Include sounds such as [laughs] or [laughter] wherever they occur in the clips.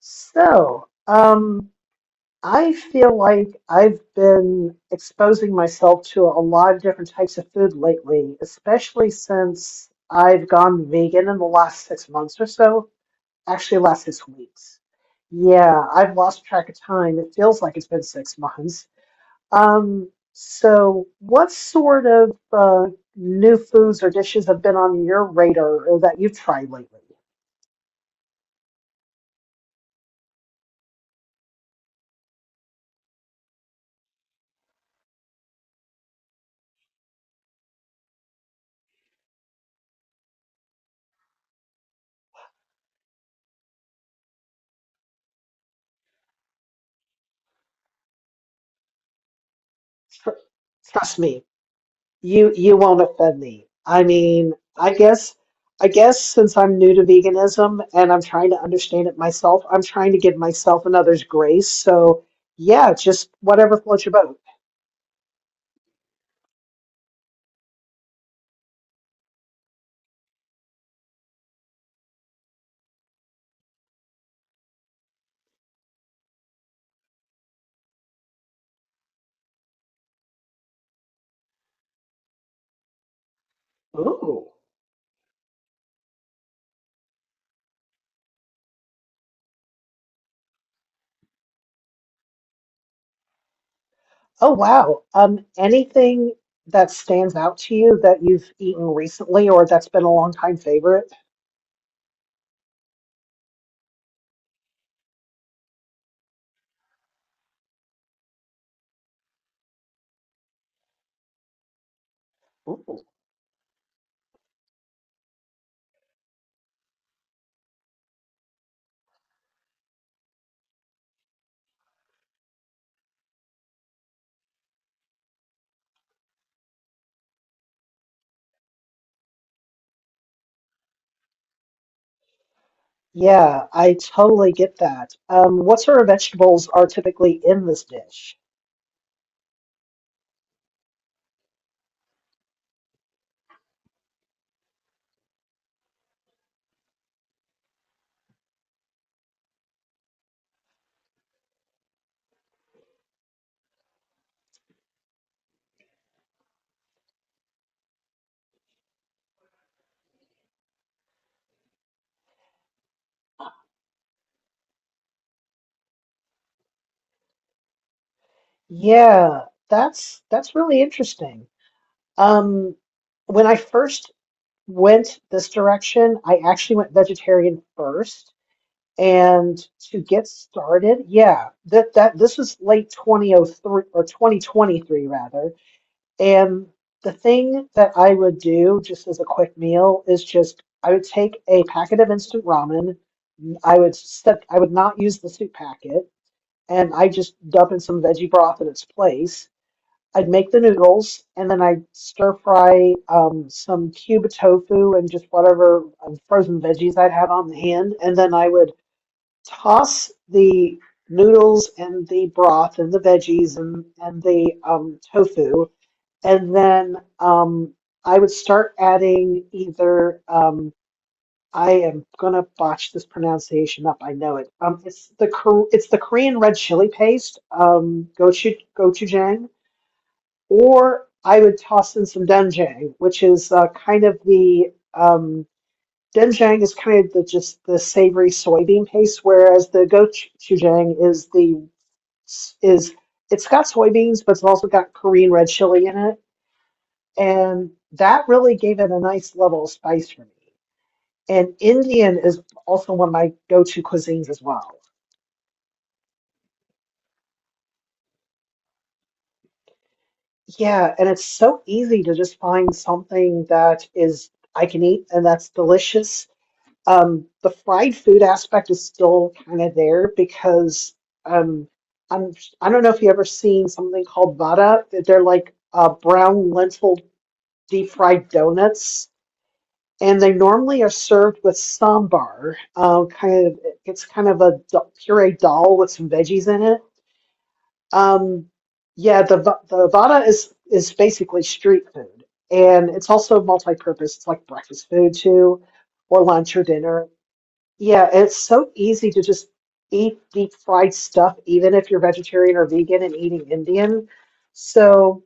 So, I feel like I've been exposing myself to a lot of different types of food lately, especially since I've gone vegan in the last 6 months or so. Actually, last 6 weeks. Yeah, I've lost track of time. It feels like it's been 6 months. So what sort of new foods or dishes have been on your radar or that you've tried lately? Tr trust me. You won't offend me. I mean, I guess since I'm new to veganism and I'm trying to understand it myself, I'm trying to give myself and others grace. So yeah, just whatever floats your boat. Ooh. Oh wow. Anything that stands out to you that you've eaten recently or that's been a long time favorite? Ooh. Yeah, I totally get that. What sort of vegetables are typically in this dish? Yeah, that's really interesting. Um, when I first went this direction, I actually went vegetarian first. And to get started, yeah, that this was late 2003 or 2023 rather. And the thing that I would do just as a quick meal is just I would take a packet of instant ramen. I would not use the soup packet, and I just dump in some veggie broth in its place. I'd make the noodles and then I'd stir fry some cube tofu and just whatever frozen veggies I'd have on hand. And then I would toss the noodles and the broth and the veggies and the tofu. And then I would start adding either, I am gonna botch this pronunciation up, I know it. It's it's the Korean red chili paste, gochujang, or I would toss in some doenjang, which is kind of the, doenjang is kind of the just the savory soybean paste, whereas the gochujang is the is it's got soybeans, but it's also got Korean red chili in it, and that really gave it a nice level of spice for me. And Indian is also one of my go-to cuisines as well. Yeah, and it's so easy to just find something that is I can eat and that's delicious. The fried food aspect is still kind of there because um, I'm I don't know if you ever seen something called vada. They're like brown lentil deep fried donuts, and they normally are served with sambar. It's kind of a puree dal with some veggies in it. Um, yeah, the vada is basically street food, and it's also multi-purpose. It's like breakfast food too, or lunch or dinner. Yeah, it's so easy to just eat deep fried stuff, even if you're vegetarian or vegan and eating Indian. So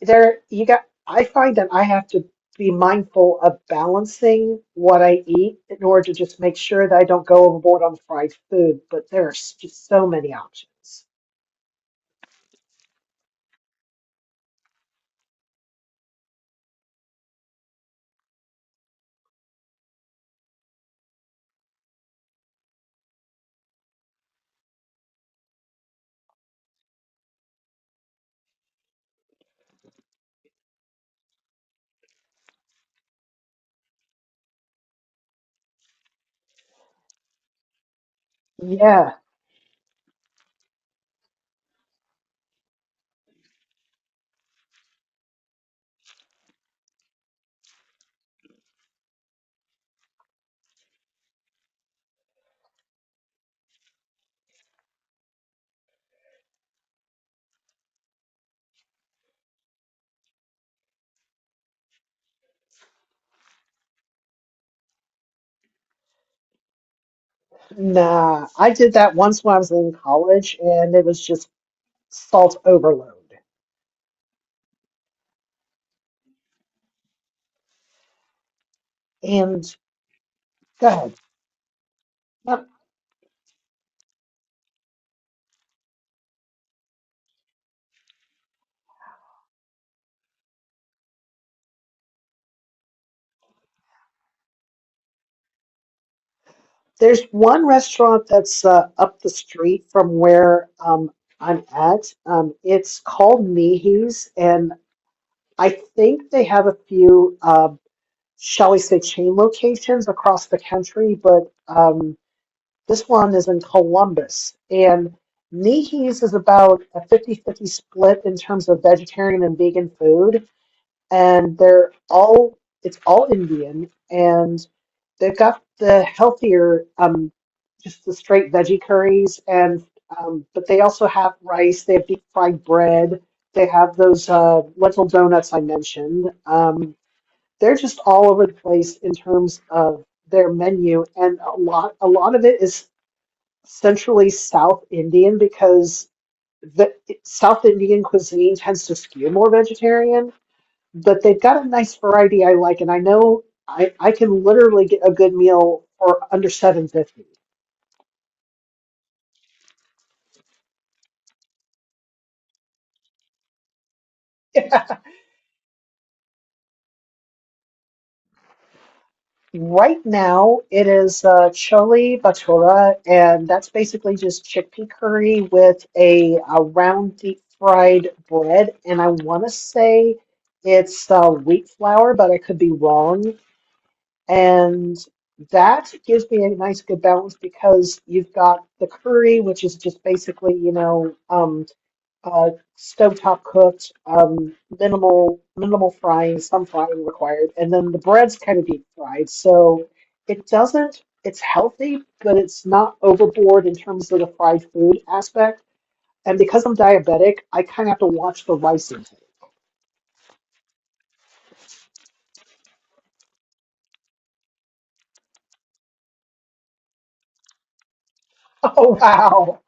there you got, I find that I have to be mindful of balancing what I eat in order to just make sure that I don't go overboard on fried food. But there's just so many options. Yeah, nah, I did that once when I was in college and it was just salt overload. And God. There's one restaurant that's up the street from where I'm at. It's called Mihi's, and I think they have a few, shall we say, chain locations across the country, but this one is in Columbus. And Mihi's is about a fifty-fifty split in terms of vegetarian and vegan food, and they're all it's all Indian, and they've got the healthier, just the straight veggie curries, and but they also have rice. They have deep fried bread. They have those lentil donuts I mentioned. They're just all over the place in terms of their menu, and a lot of it is centrally South Indian because the South Indian cuisine tends to skew more vegetarian, but they've got a nice variety I like, and I know I can literally get a good meal for under 7.50. [laughs] Right now, it is chole bhatura, and that's basically just chickpea curry with a round deep fried bread. And I want to say it's wheat flour, but I could be wrong. And that gives me a nice good balance because you've got the curry, which is just basically, uh, stovetop cooked, minimal frying, some frying required, and then the bread's kind of deep fried, so it doesn't. It's healthy, but it's not overboard in terms of the fried food aspect. And because I'm diabetic, I kind of have to watch the rice intake. [laughs] Oh wow,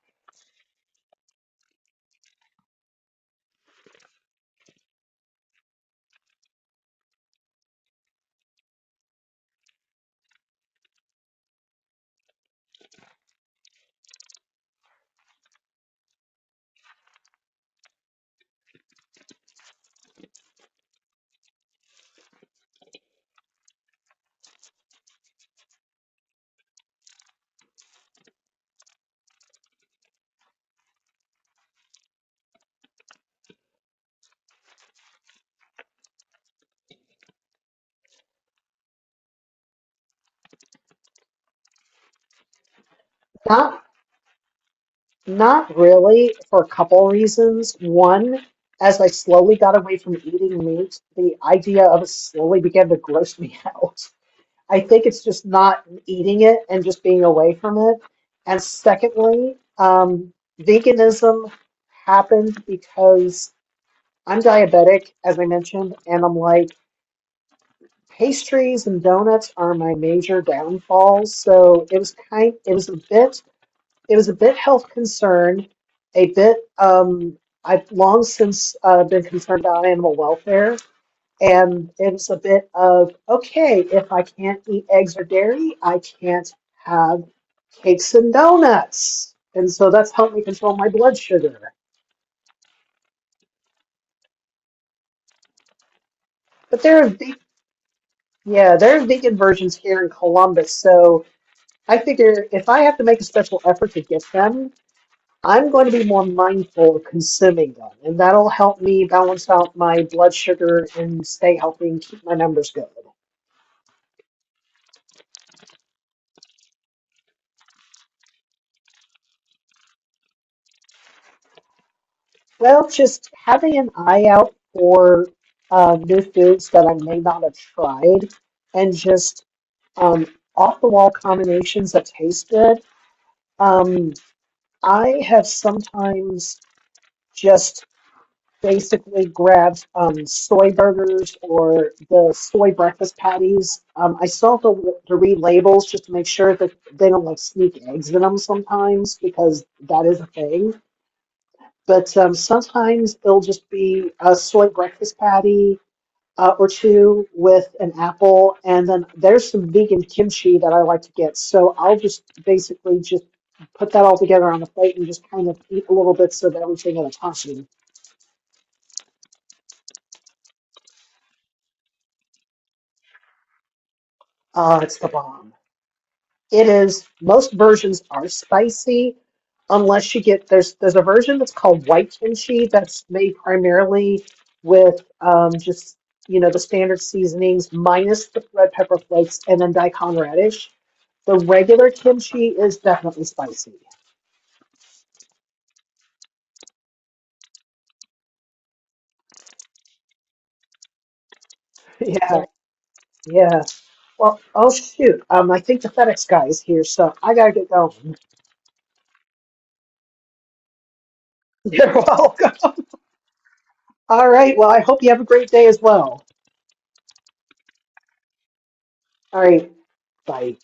not not really for a couple reasons. One. As I slowly got away from eating meat, the idea of it slowly began to gross me [laughs] out. I think it's just not eating it and just being away from it. And secondly, veganism happened because I'm diabetic, as I mentioned, and I'm like, pastries and donuts are my major downfalls. So it was a bit health concern, a bit, I've long since been concerned about animal welfare. And it was a bit of, okay, if I can't eat eggs or dairy, I can't have cakes and donuts. And so that's helped me control my blood sugar. But yeah, there are vegan versions here in Columbus. So I figure if I have to make a special effort to get them, I'm going to be more mindful of consuming them. And that'll help me balance out my blood sugar and stay healthy and keep my numbers good. Well, just having an eye out for new foods that I may not have tried, and just um, off-the-wall combinations that taste good. Um, I have sometimes just basically grabbed soy burgers or the soy breakfast patties. I still have to read labels just to make sure that they don't like sneak eggs in them sometimes because that is a thing. But sometimes it'll just be a soy breakfast patty or two with an apple. And then there's some vegan kimchi that I like to get. So I'll just basically just put that all together on the plate and just kind of eat little bits of everything in a tashi. It's the bomb. It is most versions are spicy unless you get, there's a version that's called white kimchi that's made primarily with just the standard seasonings minus the red pepper flakes and then daikon radish. The regular kimchi is definitely spicy. [laughs] Yeah, yeah. Well, oh shoot. I think the FedEx guy is here, so I gotta get going. [laughs] You're welcome. All right. Well, I hope you have a great day as well. All right. Bye.